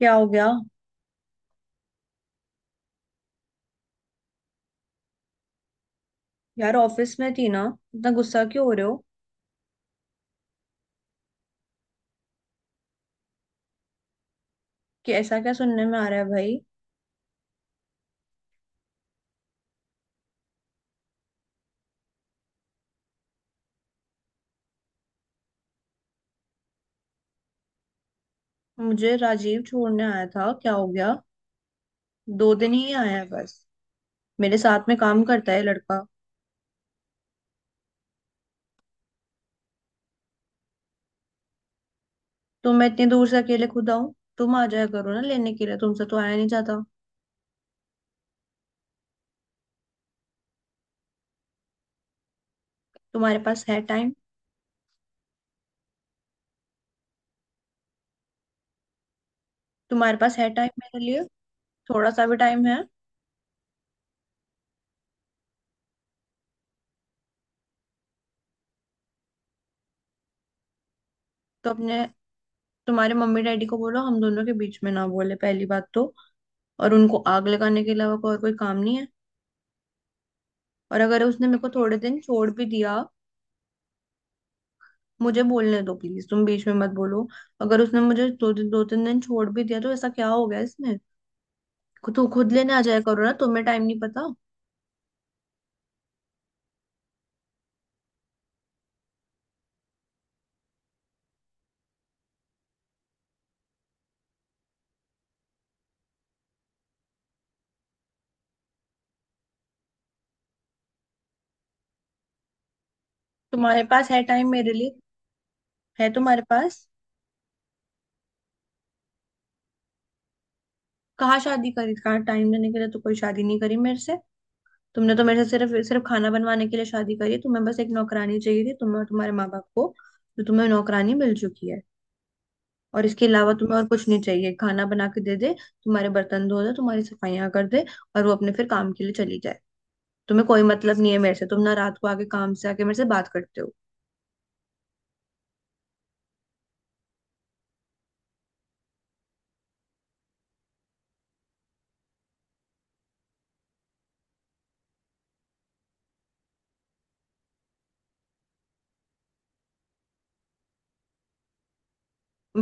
क्या हो गया। यार ऑफिस में थी ना। इतना गुस्सा क्यों हो रहे हो? कि ऐसा क्या सुनने में आ रहा है भाई? मुझे राजीव छोड़ने आया था, क्या हो गया। 2 दिन ही आया है बस, मेरे साथ में काम करता है लड़का। तो मैं इतनी दूर से अकेले खुद आऊं? तुम आ जाया करो ना लेने के लिए, तुमसे तो आया नहीं जाता। तुम्हारे पास है टाइम? तुम्हारे पास है टाइम मेरे लिए? थोड़ा सा भी टाइम है? तो अपने तुम्हारे मम्मी डैडी को बोलो हम दोनों के बीच में ना बोले पहली बात तो। और उनको आग लगाने के अलावा और कोई काम नहीं है। और अगर उसने मेरे को थोड़े दिन छोड़ भी दिया। मुझे बोलने दो प्लीज, तुम बीच में मत बोलो। अगर उसने मुझे 2 दिन 2-3 दिन छोड़ भी दिया तो ऐसा क्या हो गया इसमें? तू खुद लेने आ जाया करो ना, तुम्हें टाइम नहीं पता। तुम्हारे पास है टाइम मेरे लिए? है तुम्हारे पास? कहाँ शादी करी, कहाँ टाइम देने के लिए तो कोई शादी नहीं करी मेरे से। तुमने तो मेरे से सिर्फ सिर्फ खाना बनवाने के लिए शादी करी है। तुम्हें बस एक नौकरानी चाहिए थी तुम्हें और तुम्हारे माँ बाप को। तो तुम्हें नौकरानी मिल चुकी है। और इसके अलावा तुम्हें और कुछ नहीं चाहिए, खाना बना के दे दे, तुम्हारे बर्तन धो दे, तुम्हारी सफाइयाँ कर दे, और वो अपने फिर काम के लिए चली जाए। तुम्हें कोई मतलब नहीं है मेरे से, तुम ना रात को आके काम से आके मेरे से बात करते हो।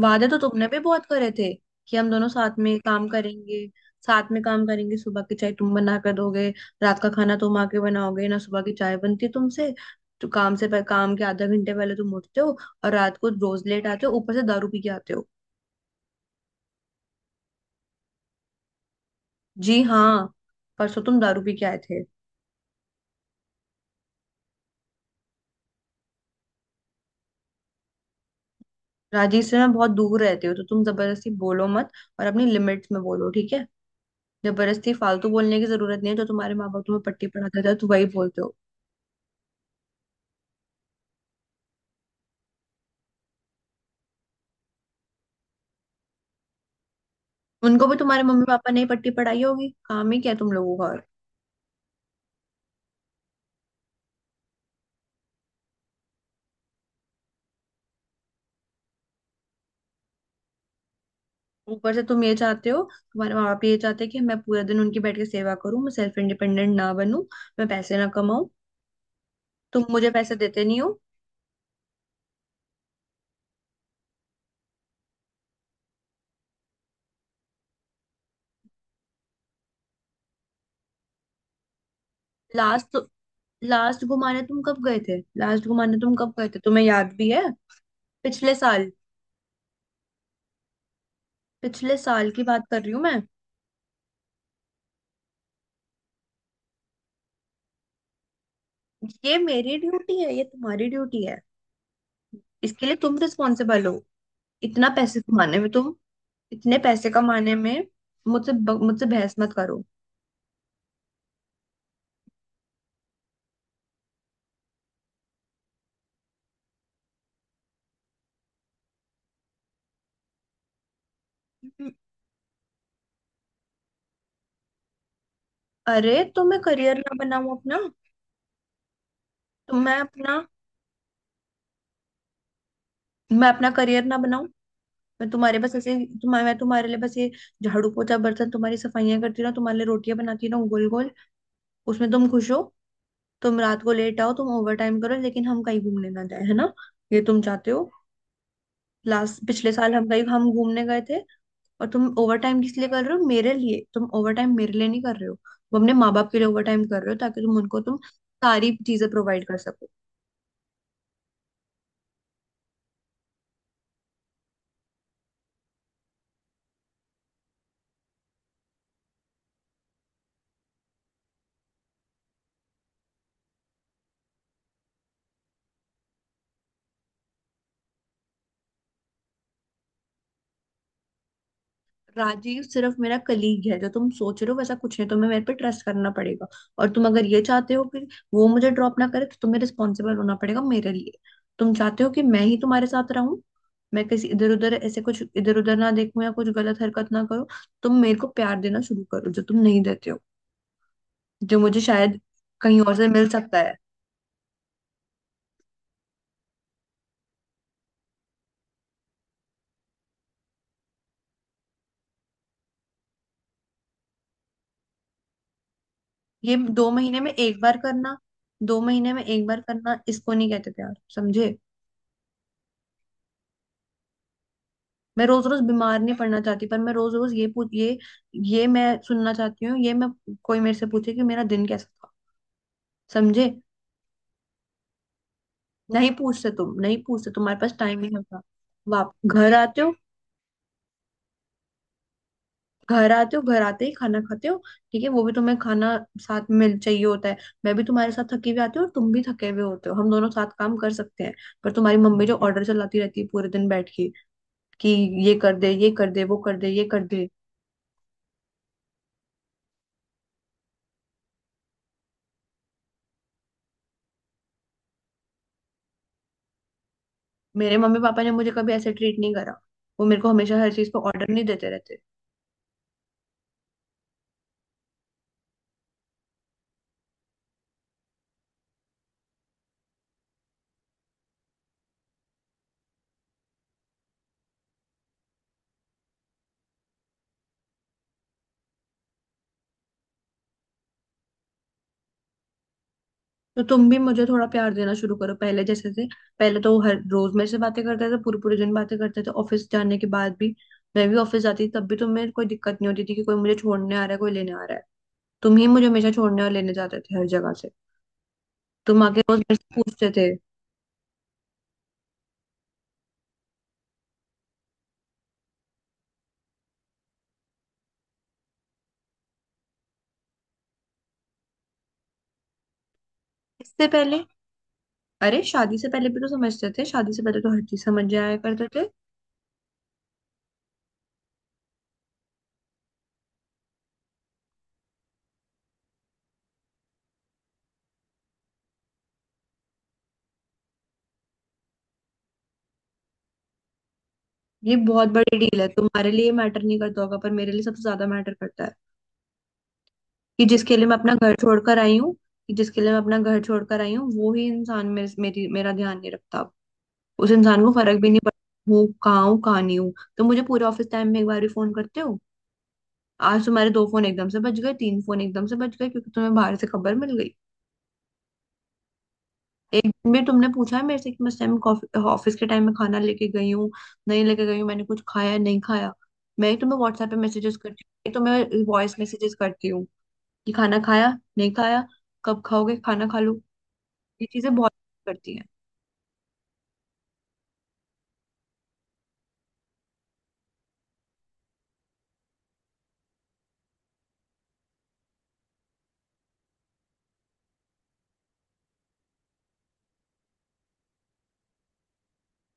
वादे तो तुमने भी बहुत करे थे कि हम दोनों साथ में काम करेंगे, साथ में काम करेंगे, सुबह की चाय तुम बना कर दोगे, रात का खाना तुम आके बनाओगे। ना सुबह की चाय बनती है तुमसे, तो काम से काम के आधा घंटे पहले तुम उठते हो, और रात को रोज लेट आते हो, ऊपर से दारू पी के आते हो। जी हाँ, परसों तुम दारू पी के आए थे। राजीव से मैं बहुत दूर रहते हो तो तुम जबरदस्ती बोलो मत, और अपनी लिमिट्स में बोलो ठीक है। जबरदस्ती फालतू बोलने की जरूरत नहीं है, जो तुम्हारे माँ बाप तुम्हें पट्टी पढ़ाते थे तो वही बोलते हो। उनको भी तुम्हारे मम्मी पापा ने ही पट्टी पढ़ाई होगी, काम ही क्या है तुम लोगों का और। ऊपर से तुम ये चाहते हो, तुम्हारे माँ बाप ये चाहते हैं कि मैं पूरे दिन उनकी बैठ के सेवा करूं, मैं सेल्फ इंडिपेंडेंट ना बनूं, मैं पैसे ना कमाऊं। तुम मुझे पैसे देते नहीं हो। लास्ट लास्ट घुमाने तुम कब गए थे, लास्ट घुमाने तुम कब गए थे, तुम्हें याद भी है? पिछले साल, पिछले साल की बात कर रही हूँ मैं। ये मेरी ड्यूटी है, ये तुम्हारी ड्यूटी है, इसके लिए तुम रिस्पॉन्सिबल हो। इतना पैसे कमाने में तुम इतने पैसे कमाने में मुझसे बहस मत करो। हम्म, अरे तो मैं करियर ना बनाऊं अपना? तो मैं अपना मैं अपना करियर ना बनाऊं? मैं तुम्हारे बस ऐसे मैं तुम्हारे लिए बस ये झाड़ू पोछा बर्तन, तुम्हारी सफाइयां करती रहूं, तुम्हारे लिए रोटियां बनाती रहूं गोल गोल, उसमें तुम खुश हो? तुम रात को लेट आओ, तुम ओवर टाइम करो, लेकिन हम कहीं घूमने ना जाए, है ना, ये तुम चाहते हो? लास्ट पिछले साल हम घूमने गए थे। और तुम ओवर टाइम किस लिए कर रहे हो? मेरे लिए तुम ओवर टाइम मेरे लिए नहीं कर रहे हो। तुम अपने माँ बाप के लिए ओवर टाइम कर रहे हो, ताकि तुम उनको तुम सारी चीजें प्रोवाइड कर सको। राजीव सिर्फ मेरा कलीग है, जो तुम सोच रहे हो वैसा कुछ नहीं, तुम्हें मेरे पे ट्रस्ट करना पड़ेगा। और तुम अगर ये चाहते हो कि वो मुझे ड्रॉप ना करे तो तुम्हें रिस्पॉन्सिबल होना पड़ेगा मेरे लिए। तुम चाहते हो कि मैं ही तुम्हारे साथ रहूं, मैं किसी इधर उधर ऐसे कुछ इधर उधर ना देखूं या कुछ गलत हरकत ना करो। तुम मेरे को प्यार देना शुरू करो, जो तुम नहीं देते हो, जो मुझे शायद कहीं और से मिल सकता है। ये दो महीने में एक बार करना, 2 महीने में एक बार करना, इसको नहीं कहते प्यार, समझे। मैं रोज रोज बीमार नहीं पड़ना चाहती, पर मैं रोज रोज ये पूछ ये मैं सुनना चाहती हूँ, ये मैं कोई मेरे से पूछे कि मेरा दिन कैसा था, समझे। नहीं पूछते तुम, नहीं पूछते, तुम्हारे पास टाइम ही नहीं होता। वाप घर आते हो, घर आते ही खाना खाते हो, ठीक है, वो भी तुम्हें खाना साथ में मिल चाहिए होता है। मैं भी तुम्हारे साथ थकी हुई आती हूँ और तुम भी थके हुए होते हो, हम दोनों साथ काम कर सकते हैं, पर तुम्हारी मम्मी जो ऑर्डर चलाती रहती है पूरे दिन बैठ के, कि ये कर दे, ये कर दे, वो कर दे, ये कर दे। मेरे मम्मी पापा ने मुझे कभी ऐसे ट्रीट नहीं करा, वो मेरे को हमेशा हर चीज पे ऑर्डर नहीं देते रहते। तो तुम भी मुझे थोड़ा प्यार देना शुरू करो पहले जैसे से। पहले तो हर रोज मेरे से बातें करते थे, पूरे पूरे दिन बातें करते थे, ऑफिस जाने के बाद भी। मैं भी ऑफिस जाती थी तब भी तुम्हें कोई दिक्कत नहीं होती थी कि कोई मुझे छोड़ने आ रहा है, कोई लेने आ रहा है। तुम ही मुझे हमेशा छोड़ने और लेने जाते थे हर जगह से, तुम आके रोज मेरे से पूछते थे। इससे पहले अरे, शादी से पहले भी तो समझते थे, शादी से पहले तो हर चीज समझ जाया करते थे। ये बहुत बड़ी डील है, तुम्हारे लिए मैटर नहीं करता होगा पर मेरे लिए सबसे ज्यादा मैटर करता है। कि जिसके लिए मैं अपना घर छोड़कर आई हूँ कि जिसके लिए मैं अपना घर छोड़कर आई हूँ, वो ही इंसान मेरे, मेरी मेरा ध्यान नहीं रखता अब। उस इंसान को फर्क भी नहीं पड़ता हूँ कहाँ नहीं हूँ, तो मुझे पूरे ऑफिस टाइम में एक बार भी फोन करते हो? आज तुम्हारे 2 फोन एकदम से बज गए, 3 फोन एकदम से बज गए क्योंकि तुम्हें बाहर से खबर मिल गई। एक दिन भी तुमने पूछा है मेरे से कि मैं उस टाइम ऑफिस के टाइम में खाना लेके गई हूँ, नहीं लेके गई हूँ, मैंने कुछ खाया है, नहीं खाया? मैं ही तुम्हें व्हाट्सएप पे मैसेजेस करती हूँ, मैं ही तुम्हें वॉइस मैसेजेस करती हूँ कि खाना खाया, नहीं खाया, कब खाओगे, खाना खा लो, ये चीजें बहुत करती हैं।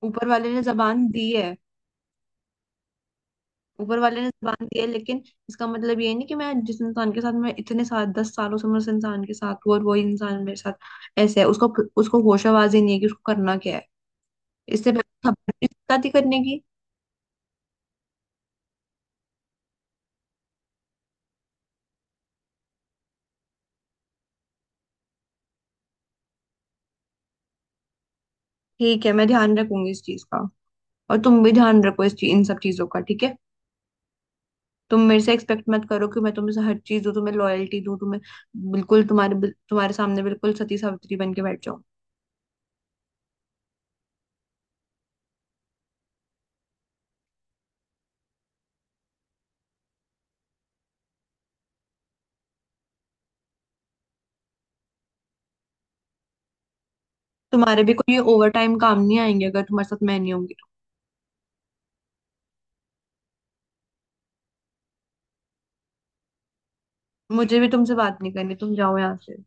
ऊपर वाले ने जबान दी है, ऊपर वाले ने जबान दी है, लेकिन इसका मतलब ये नहीं कि मैं जिस इंसान के साथ मैं इतने साल 10 सालों से मैं उस इंसान के साथ हूँ और वही इंसान मेरे साथ ऐसे है, उसको उसको होशाबाजी नहीं है कि उसको करना क्या है, इससे बेहतर खबरदारी करने की। ठीक है, मैं ध्यान रखूंगी इस चीज का, और तुम भी ध्यान रखो इस चीज इन सब चीजों का, ठीक है। तुम मेरे से एक्सपेक्ट मत करो कि मैं तुम्हें हर चीज दूं, तुम्हें लॉयल्टी दूं, तुम्हें बिल्कुल तुम्हारे तुम्हारे सामने बिल्कुल सती सावित्री बन के बैठ जाऊं। तुम्हारे भी कोई ओवर टाइम काम नहीं आएंगे अगर तुम्हारे साथ मैं नहीं होंगी तो। मुझे भी तुमसे बात नहीं करनी, तुम जाओ यहाँ से।